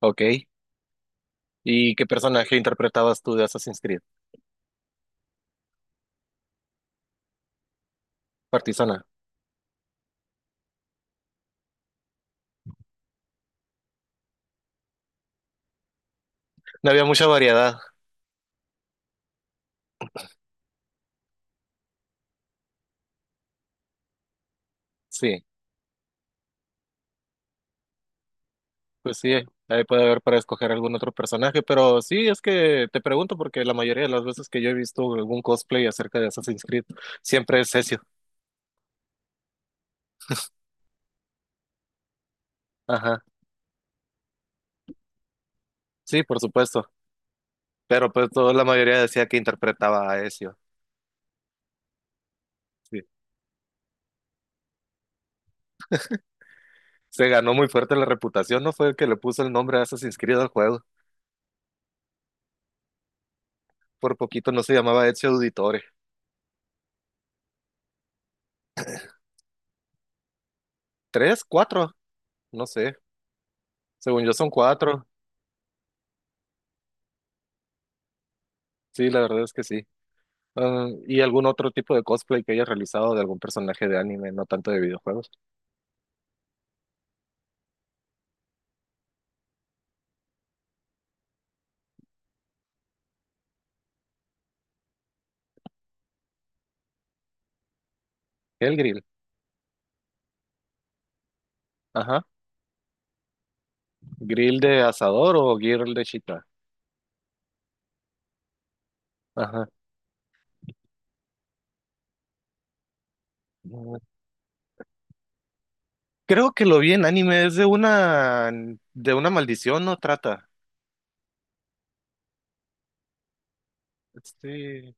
Ok. ¿Y qué personaje interpretabas tú de Assassin's Creed? Partizana. No había mucha variedad. Sí, pues sí, ahí puede haber para escoger algún otro personaje, pero sí, es que te pregunto porque la mayoría de las veces que yo he visto algún cosplay acerca de Assassin's Creed, siempre es Ezio. Ajá. Sí, por supuesto. Pero pues toda la mayoría decía que interpretaba a Ezio. Sí. Se ganó muy fuerte la reputación, ¿no? Fue el que le puso el nombre a Assassin's Creed al juego. Por poquito no se llamaba Ezio Auditore. ¿Tres? ¿Cuatro? No sé. Según yo son cuatro. Sí, la verdad es que sí. Ah, ¿y algún otro tipo de cosplay que hayas realizado de algún personaje de anime, no tanto de videojuegos? El grill. Ajá. ¿Grill de asador o grill de chita? Ajá. Mm, creo que lo vi en anime, es de una maldición, no trata. Sí.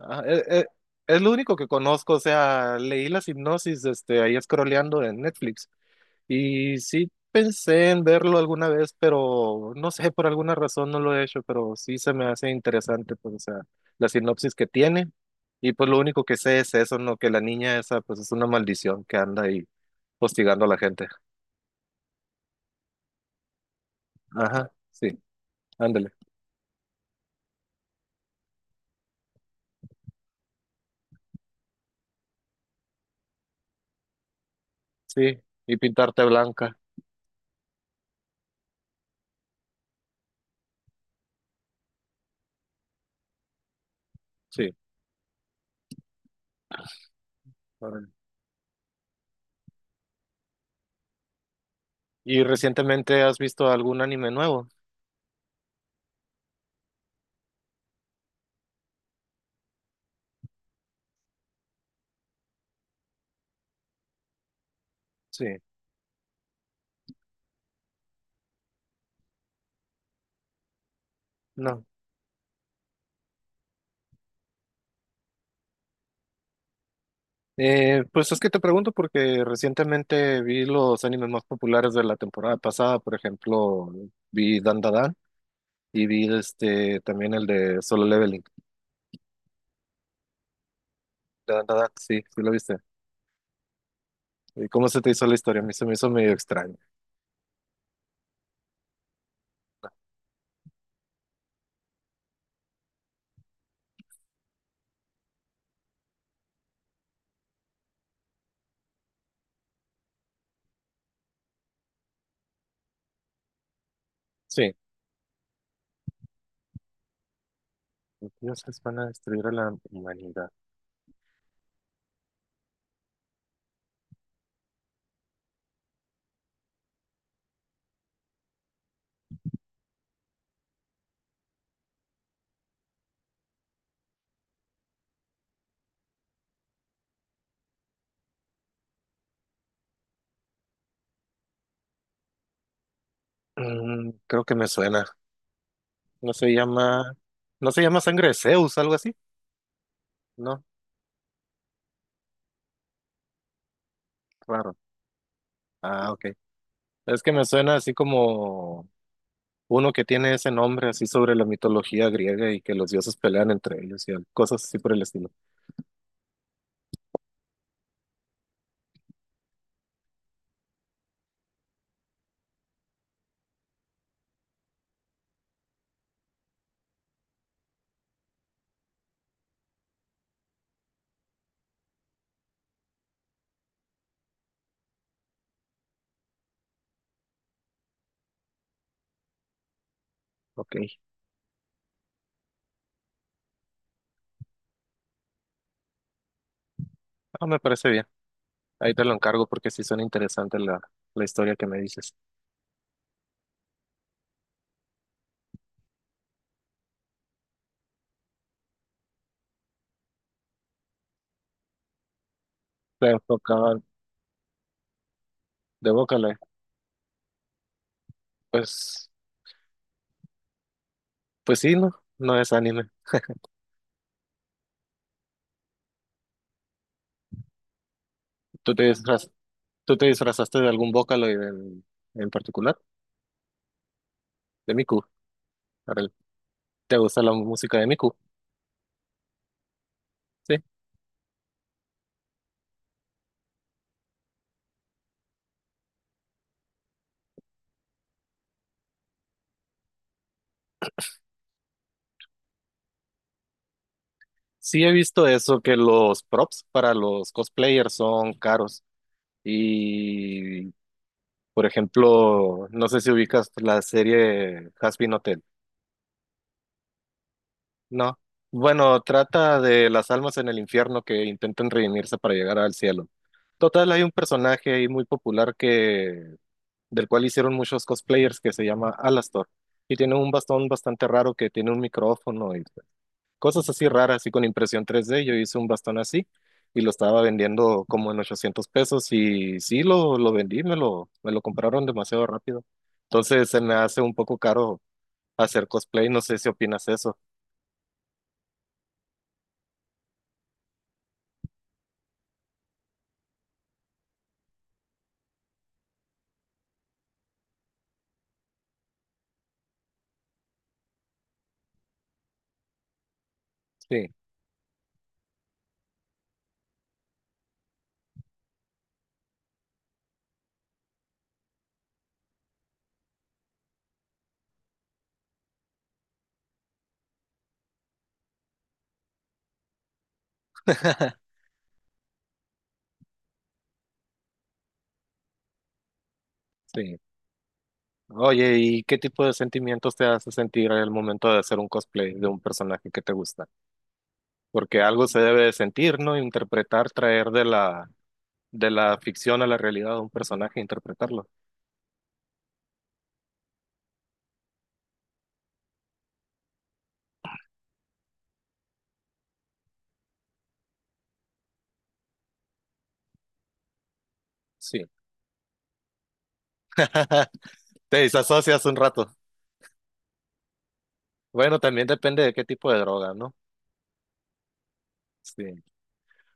Ah, es lo único que conozco, o sea, leí la sinopsis este, ahí scrolleando en Netflix. Y sí pensé en verlo alguna vez, pero no sé, por alguna razón no lo he hecho, pero sí se me hace interesante, pues, o sea, la sinopsis que tiene. Y pues lo único que sé es eso, ¿no? Que la niña esa, pues, es una maldición que anda ahí hostigando a la gente. Ajá, sí, ándale, sí. Y pintarte blanca, sí. Órale. ¿Y recientemente has visto algún anime nuevo? Sí, no. Pues es que te pregunto porque recientemente vi los animes más populares de la temporada pasada, por ejemplo, vi Dandadan y vi este también el de Solo Leveling. Dandadan, sí, sí lo viste. ¿Y cómo se te hizo la historia? A mí se me hizo medio extraño. Sí. Los dioses van a destruir a la humanidad. Mm, creo que me suena. No se llama, no se llama Sangre de Zeus, algo así, ¿no? Claro. Ah, ok. Es que me suena así como uno que tiene ese nombre así sobre la mitología griega y que los dioses pelean entre ellos y al- cosas así por el estilo. Ok, ah, me parece bien. Ahí te lo encargo porque sí suena interesante la, la historia que me dices. Te enfocaban de Bócale. Pues, pues sí, no, no es anime. ¿Tú te disfraz- ¿Tú te disfrazaste de algún Bócalo en particular? De Miku. Arel. ¿Te gusta la música de Miku? Sí. Sí he visto eso, que los props para los cosplayers son caros. Y por ejemplo, no sé si ubicas la serie Hazbin Hotel. No. Bueno, trata de las almas en el infierno que intentan redimirse para llegar al cielo. Total, hay un personaje ahí muy popular que del cual hicieron muchos cosplayers que se llama Alastor y tiene un bastón bastante raro que tiene un micrófono y cosas así raras, así con impresión 3D. Yo hice un bastón así y lo estaba vendiendo como en 800 pesos y sí, lo vendí, me lo compraron demasiado rápido. Entonces se me hace un poco caro hacer cosplay, no sé si opinas eso. Sí, sí. Oye, ¿y qué tipo de sentimientos te hace sentir al momento de hacer un cosplay de un personaje que te gusta? Porque algo se debe de sentir, ¿no? Interpretar, traer de de la ficción a la realidad de un personaje, interpretarlo. Sí. Te desasocias un rato. Bueno, también depende de qué tipo de droga, ¿no? Sí.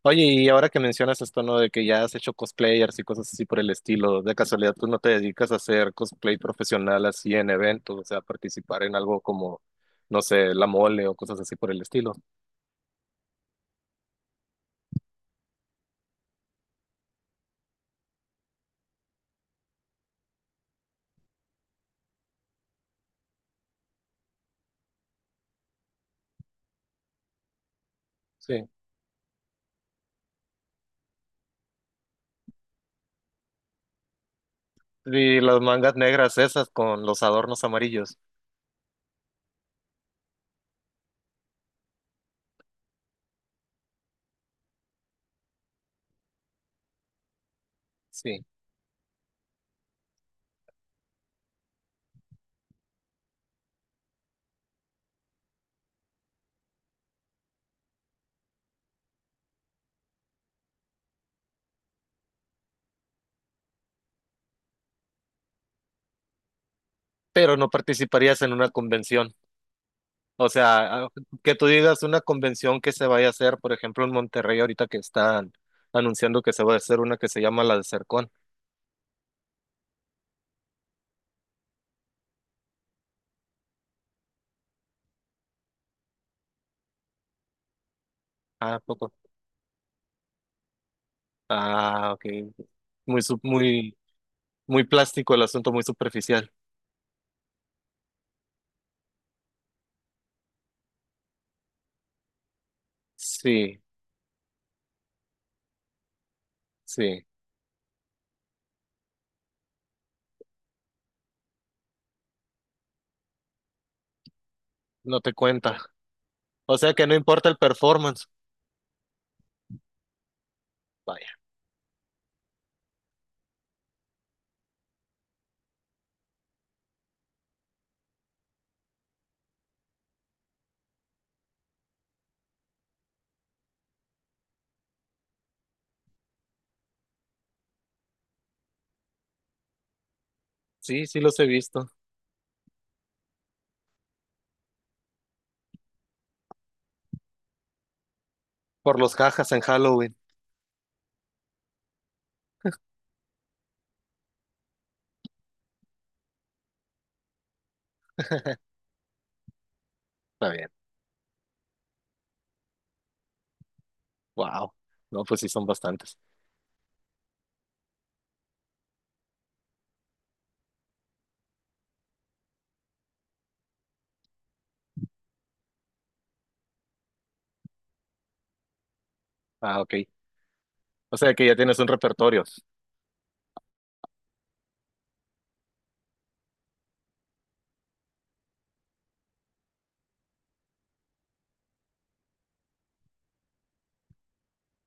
Oye, y ahora que mencionas esto, ¿no? De que ya has hecho cosplayers y cosas así por el estilo, de casualidad tú no te dedicas a hacer cosplay profesional así en eventos, o sea, participar en algo como, no sé, la mole o cosas así por el estilo. Sí. Y las mangas negras esas con los adornos amarillos. Sí. Pero no participarías en una convención. O sea, a- que tú digas una convención que se vaya a hacer, por ejemplo, en Monterrey ahorita que están anunciando que se va a hacer una que se llama la de Ah, poco. Ah, ok. Muy, sub- muy, muy plástico el asunto, muy superficial. Sí, sí, no te cuenta. O sea que no importa el performance. Vaya. Sí, sí los he visto. Por los jajas en Halloween. Está bien. Wow. No, pues sí son bastantes. Ah, ok. O sea que ya tienes un repertorio.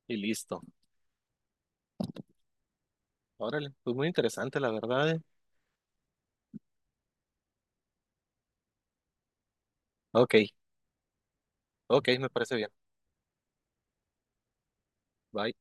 Y listo. Órale. Pues muy interesante, la verdad. ¿Eh? Ok, ok, me parece bien. Bye.